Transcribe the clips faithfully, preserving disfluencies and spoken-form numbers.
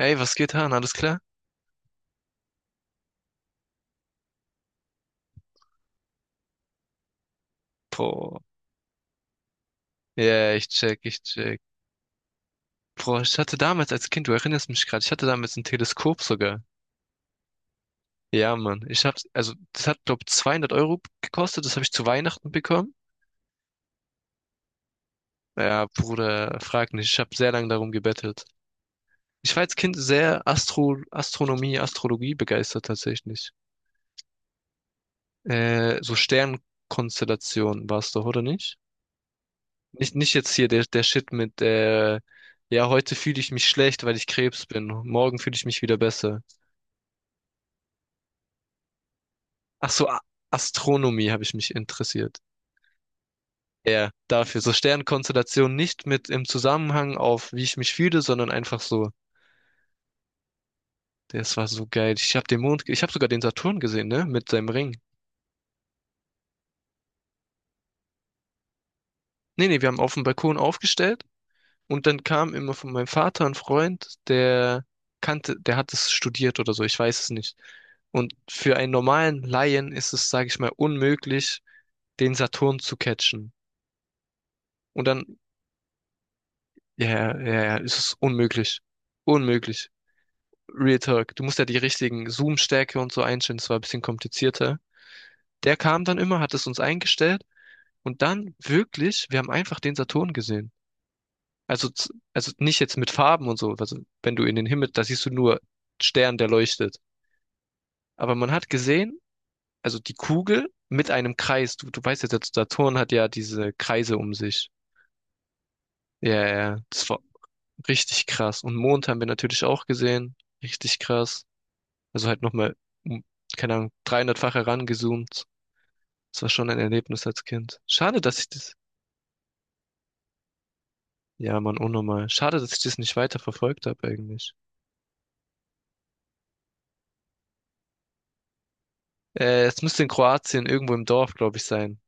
Ey, was geht, Han? Alles klar? Boah. Ja, ich check, ich check. Boah, ich hatte damals als Kind, du erinnerst mich gerade, ich hatte damals ein Teleskop sogar. Ja, Mann. Ich hab's, also, das hat, glaub, zweihundert Euro gekostet. Das habe ich zu Weihnachten bekommen. Ja, Bruder, frag nicht. Ich habe sehr lange darum gebettelt. Ich war als Kind sehr Astro, Astronomie, Astrologie begeistert tatsächlich. Äh, so Sternkonstellationen war's doch, oder nicht? Nicht, nicht jetzt hier der, der Shit mit, äh, ja, heute fühle ich mich schlecht, weil ich Krebs bin. Morgen fühle ich mich wieder besser. Ach so, A- Astronomie habe ich mich interessiert. Ja, dafür. So Sternkonstellationen nicht mit im Zusammenhang auf, wie ich mich fühle, sondern einfach so. Das war so geil. Ich habe den Mond, ge- ich habe sogar den Saturn gesehen, ne? Mit seinem Ring. Nee, nee, wir haben auf dem Balkon aufgestellt. Und dann kam immer von meinem Vater ein Freund, der kannte, der hat es studiert oder so, ich weiß es nicht. Und für einen normalen Laien ist es, sage ich mal, unmöglich, den Saturn zu catchen. Und dann, ja, ja, ja, ja, es ist unmöglich. Unmöglich. Real Talk. Du musst ja die richtigen Zoom-Stärke und so einstellen, das war ein bisschen komplizierter. Der kam dann immer, hat es uns eingestellt und dann wirklich, wir haben einfach den Saturn gesehen. Also, z- also nicht jetzt mit Farben und so. Also wenn du in den Himmel, da siehst du nur Stern, der leuchtet. Aber man hat gesehen, also die Kugel mit einem Kreis. Du, du weißt ja, der Saturn hat ja diese Kreise um sich. Ja, ja, ja. Das war richtig krass. Und Mond haben wir natürlich auch gesehen. Richtig krass. Also halt nochmal, um, keine Ahnung, dreihundert-fach herangezoomt. Das war schon ein Erlebnis als Kind. Schade, dass ich das, ja, Mann, unnormal. Schade, dass ich das nicht weiter verfolgt habe eigentlich. Äh, es müsste in Kroatien irgendwo im Dorf, glaube ich, sein.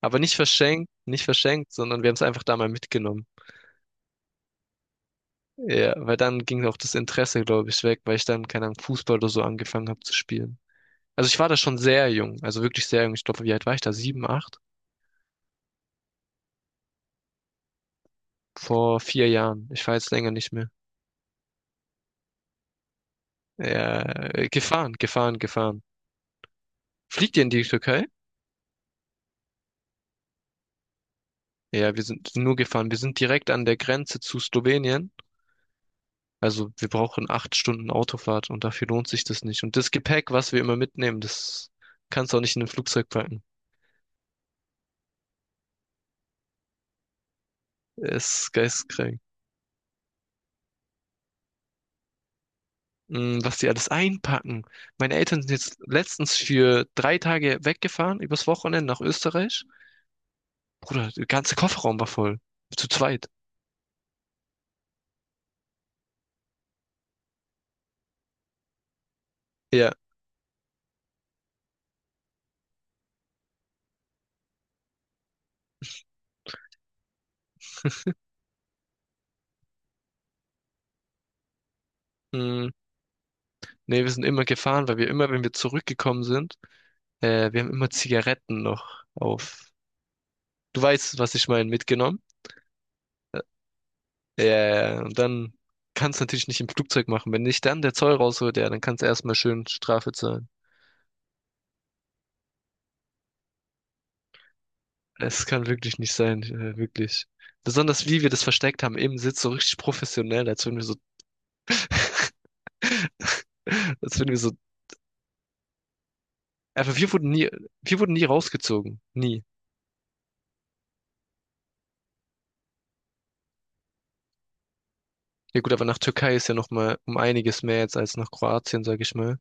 Aber nicht verschenkt, nicht verschenkt, sondern wir haben es einfach da mal mitgenommen. Ja, weil dann ging auch das Interesse, glaube ich, weg, weil ich dann, keine Ahnung, Fußball oder so angefangen habe zu spielen. Also ich war da schon sehr jung, also wirklich sehr jung. Ich glaube, wie alt war ich da? Sieben, acht? Vor vier Jahren. Ich war jetzt länger nicht mehr. Ja, äh, gefahren, gefahren, gefahren. Fliegt ihr in die Türkei? Ja, wir sind nur gefahren. Wir sind direkt an der Grenze zu Slowenien. Also wir brauchen acht Stunden Autofahrt und dafür lohnt sich das nicht. Und das Gepäck, was wir immer mitnehmen, das kannst du auch nicht in ein Flugzeug packen. Ist geisteskrank. Mm. Was die alles einpacken. Meine Eltern sind jetzt letztens für drei Tage weggefahren, übers Wochenende nach Österreich. Bruder, der ganze Kofferraum war voll. Zu zweit. Ja. Mm. Nee, wir sind immer gefahren, weil wir immer, wenn wir zurückgekommen sind, äh, wir haben immer Zigaretten noch auf. Du weißt, was ich meine, mitgenommen. Äh, Ja, ja, ja. und dann kannst du natürlich nicht im Flugzeug machen. Wenn nicht dann der Zoll rausholt, ja, dann kannst du erstmal schön Strafe zahlen. Es kann wirklich nicht sein, äh, wirklich. Besonders wie wir das versteckt haben im Sitz, so richtig professionell, als würden wir so, als würden wir so, einfach wir wurden nie, wir wurden nie rausgezogen, nie. Ja gut, aber nach Türkei ist ja noch mal um einiges mehr jetzt als nach Kroatien, sag ich mal.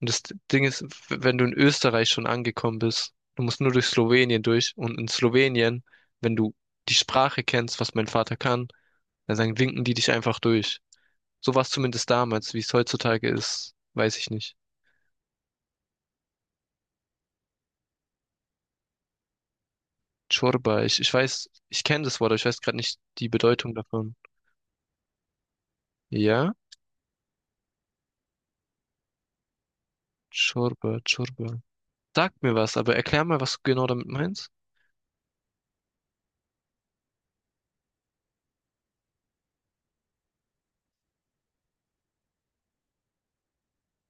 Und das Ding ist, w- wenn du in Österreich schon angekommen bist, du musst nur durch Slowenien durch und in Slowenien, wenn du die Sprache kennst, was mein Vater kann, dann sagen, winken die dich einfach durch. So war es zumindest damals, wie es heutzutage ist, weiß ich nicht. Chorba. Ich, ich weiß, ich kenne das Wort, aber ich weiß gerade nicht die Bedeutung davon. Ja? Chorba, Chorba. Sag mir was, aber erklär mal, was du genau damit meinst.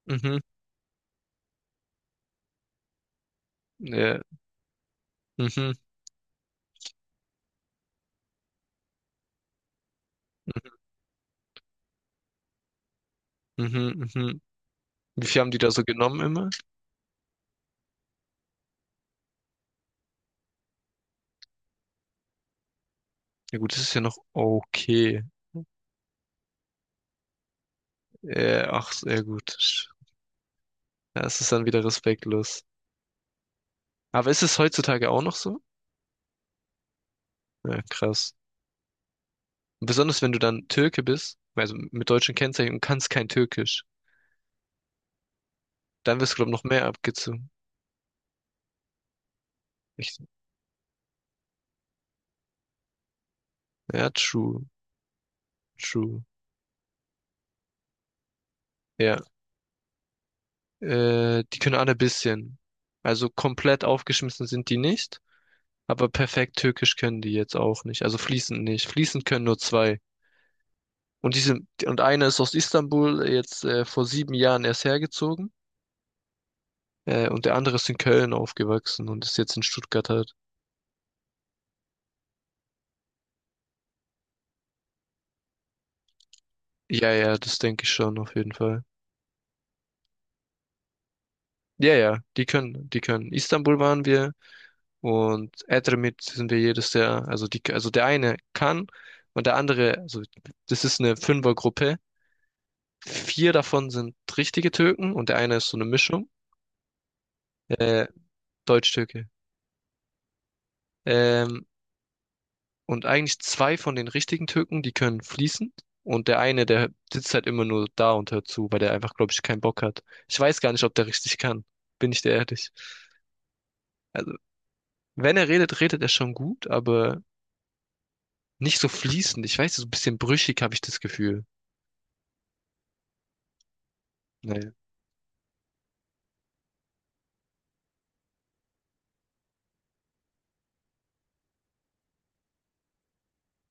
Mhm. Ja. Mhm. Mhm. Mhm. Wie viel haben die da so genommen immer? Ja gut, das ist ja noch okay. Äh, ach, sehr gut. Ja, es ist dann wieder respektlos. Aber ist es heutzutage auch noch so? Ja, krass. Besonders wenn du dann Türke bist, also mit deutschen Kennzeichen und kannst kein Türkisch, dann wirst du, glaube ich, noch mehr abgezogen. Echt? Ja, true. True. Ja. Äh, die können alle ein bisschen. Also komplett aufgeschmissen sind die nicht, aber perfekt Türkisch können die jetzt auch nicht. Also fließend nicht. Fließend können nur zwei. Und diese, und einer ist aus Istanbul jetzt äh, vor sieben Jahren erst hergezogen. Äh, und der andere ist in Köln aufgewachsen und ist jetzt in Stuttgart halt. Ja, ja, das denke ich schon auf jeden Fall. Ja, ja, die können, die können. Istanbul waren wir. Und Edremit sind wir jedes der, also die, also der eine kann und der andere, also das ist eine Fünfergruppe. Vier davon sind richtige Türken und der eine ist so eine Mischung, äh, Deutsch-Türke. Ähm, und eigentlich zwei von den richtigen Türken, die können fließend. Und der eine, der sitzt halt immer nur da und hört zu, weil der einfach, glaube ich, keinen Bock hat. Ich weiß gar nicht, ob der richtig kann. Bin ich dir ehrlich. Also, wenn er redet, redet er schon gut, aber nicht so fließend. Ich weiß, so ein bisschen brüchig habe ich das Gefühl. Naja.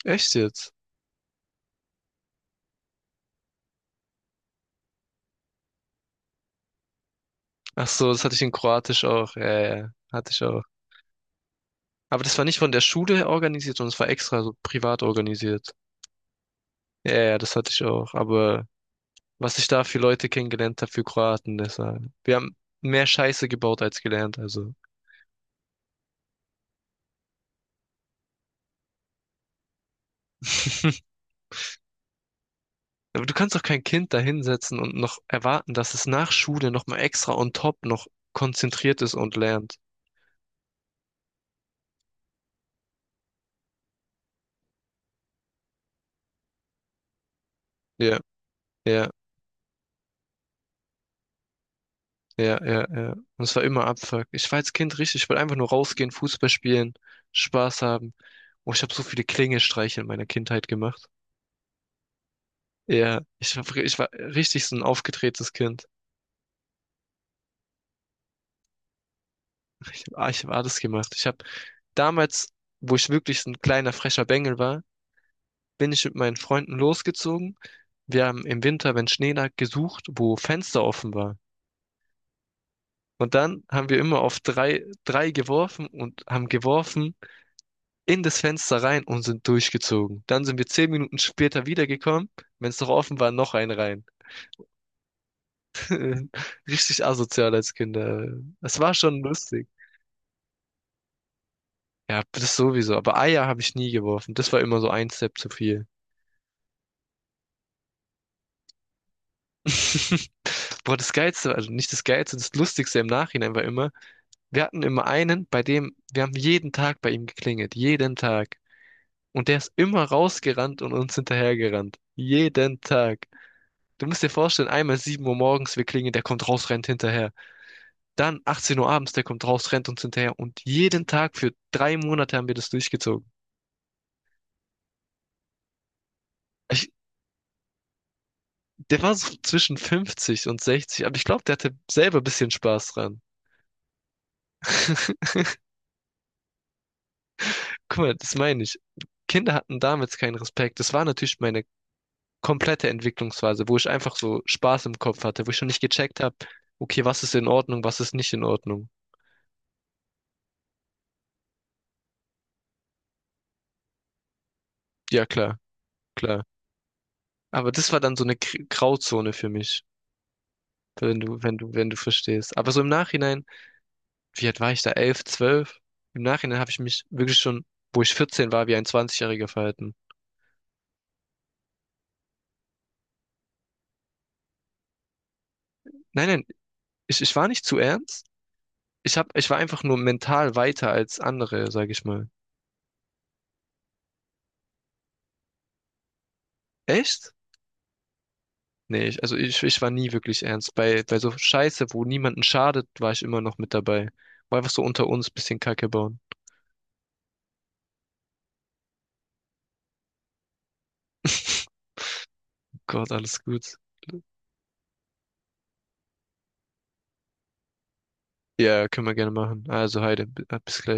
Echt jetzt? Ach so, das hatte ich in Kroatisch auch. Ja, ja, ja, hatte ich auch. Aber das war nicht von der Schule organisiert, sondern es war extra so privat organisiert. Ja, ja, das hatte ich auch. Aber was ich da für Leute kennengelernt habe, für Kroaten, das war, wir haben mehr Scheiße gebaut als gelernt, also. Aber du kannst doch kein Kind da hinsetzen und noch erwarten, dass es nach Schule nochmal extra on top noch konzentriert ist und lernt. Ja, ja. Ja, ja, ja. Und es war immer Abfuck. Ich war als Kind richtig, ich wollte einfach nur rausgehen, Fußball spielen, Spaß haben. Oh, ich habe so viele Klingelstreiche in meiner Kindheit gemacht. Ja, ich, hab- ich war richtig so ein aufgedrehtes Kind. Ich habe ich hab alles gemacht. Ich habe damals, wo ich wirklich so ein kleiner frecher Bengel war, bin ich mit meinen Freunden losgezogen. Wir haben im Winter, wenn Schnee lag, gesucht, wo Fenster offen war. Und dann haben wir immer auf drei, drei geworfen und haben geworfen in das Fenster rein und sind durchgezogen. Dann sind wir zehn Minuten später wiedergekommen. Wenn es noch offen war, noch einen rein. Richtig asozial als Kinder. Es war schon lustig. Ja, das sowieso. Aber Eier habe ich nie geworfen. Das war immer so ein Step zu viel. Boah, das Geilste, also nicht das Geilste, das Lustigste im Nachhinein war immer, wir hatten immer einen, bei dem, wir haben jeden Tag bei ihm geklingelt. Jeden Tag. Und der ist immer rausgerannt und uns hinterhergerannt. Jeden Tag. Du musst dir vorstellen, einmal sieben Uhr morgens, wir klingeln, der kommt raus, rennt hinterher. Dann achtzehn Uhr abends, der kommt raus, rennt uns hinterher. Und jeden Tag für drei Monate haben wir das durchgezogen. Ich, der war so zwischen fünfzig und sechzig, aber ich glaube, der hatte selber ein bisschen Spaß dran. Guck mal, das meine ich. Kinder hatten damals keinen Respekt. Das war natürlich meine komplette Entwicklungsphase, wo ich einfach so Spaß im Kopf hatte, wo ich schon nicht gecheckt habe, okay, was ist in Ordnung, was ist nicht in Ordnung. Ja, klar, klar. Aber das war dann so eine Gr- Grauzone für mich. Wenn du, wenn du, wenn du verstehst. Aber so im Nachhinein, wie alt war ich da? Elf, zwölf. Im Nachhinein habe ich mich wirklich schon, wo ich vierzehn war, wie ein zwanzig-Jähriger verhalten. Nein, nein, ich, ich war nicht zu ernst. Ich hab, ich war einfach nur mental weiter als andere, sage ich mal. Echt? Nee, ich, also ich, ich war nie wirklich ernst. Bei, bei so Scheiße, wo niemanden schadet, war ich immer noch mit dabei. War einfach so unter uns bisschen Kacke bauen. Gott, alles gut. Ja, können wir gerne machen. Also, Heide, b- bis gleich.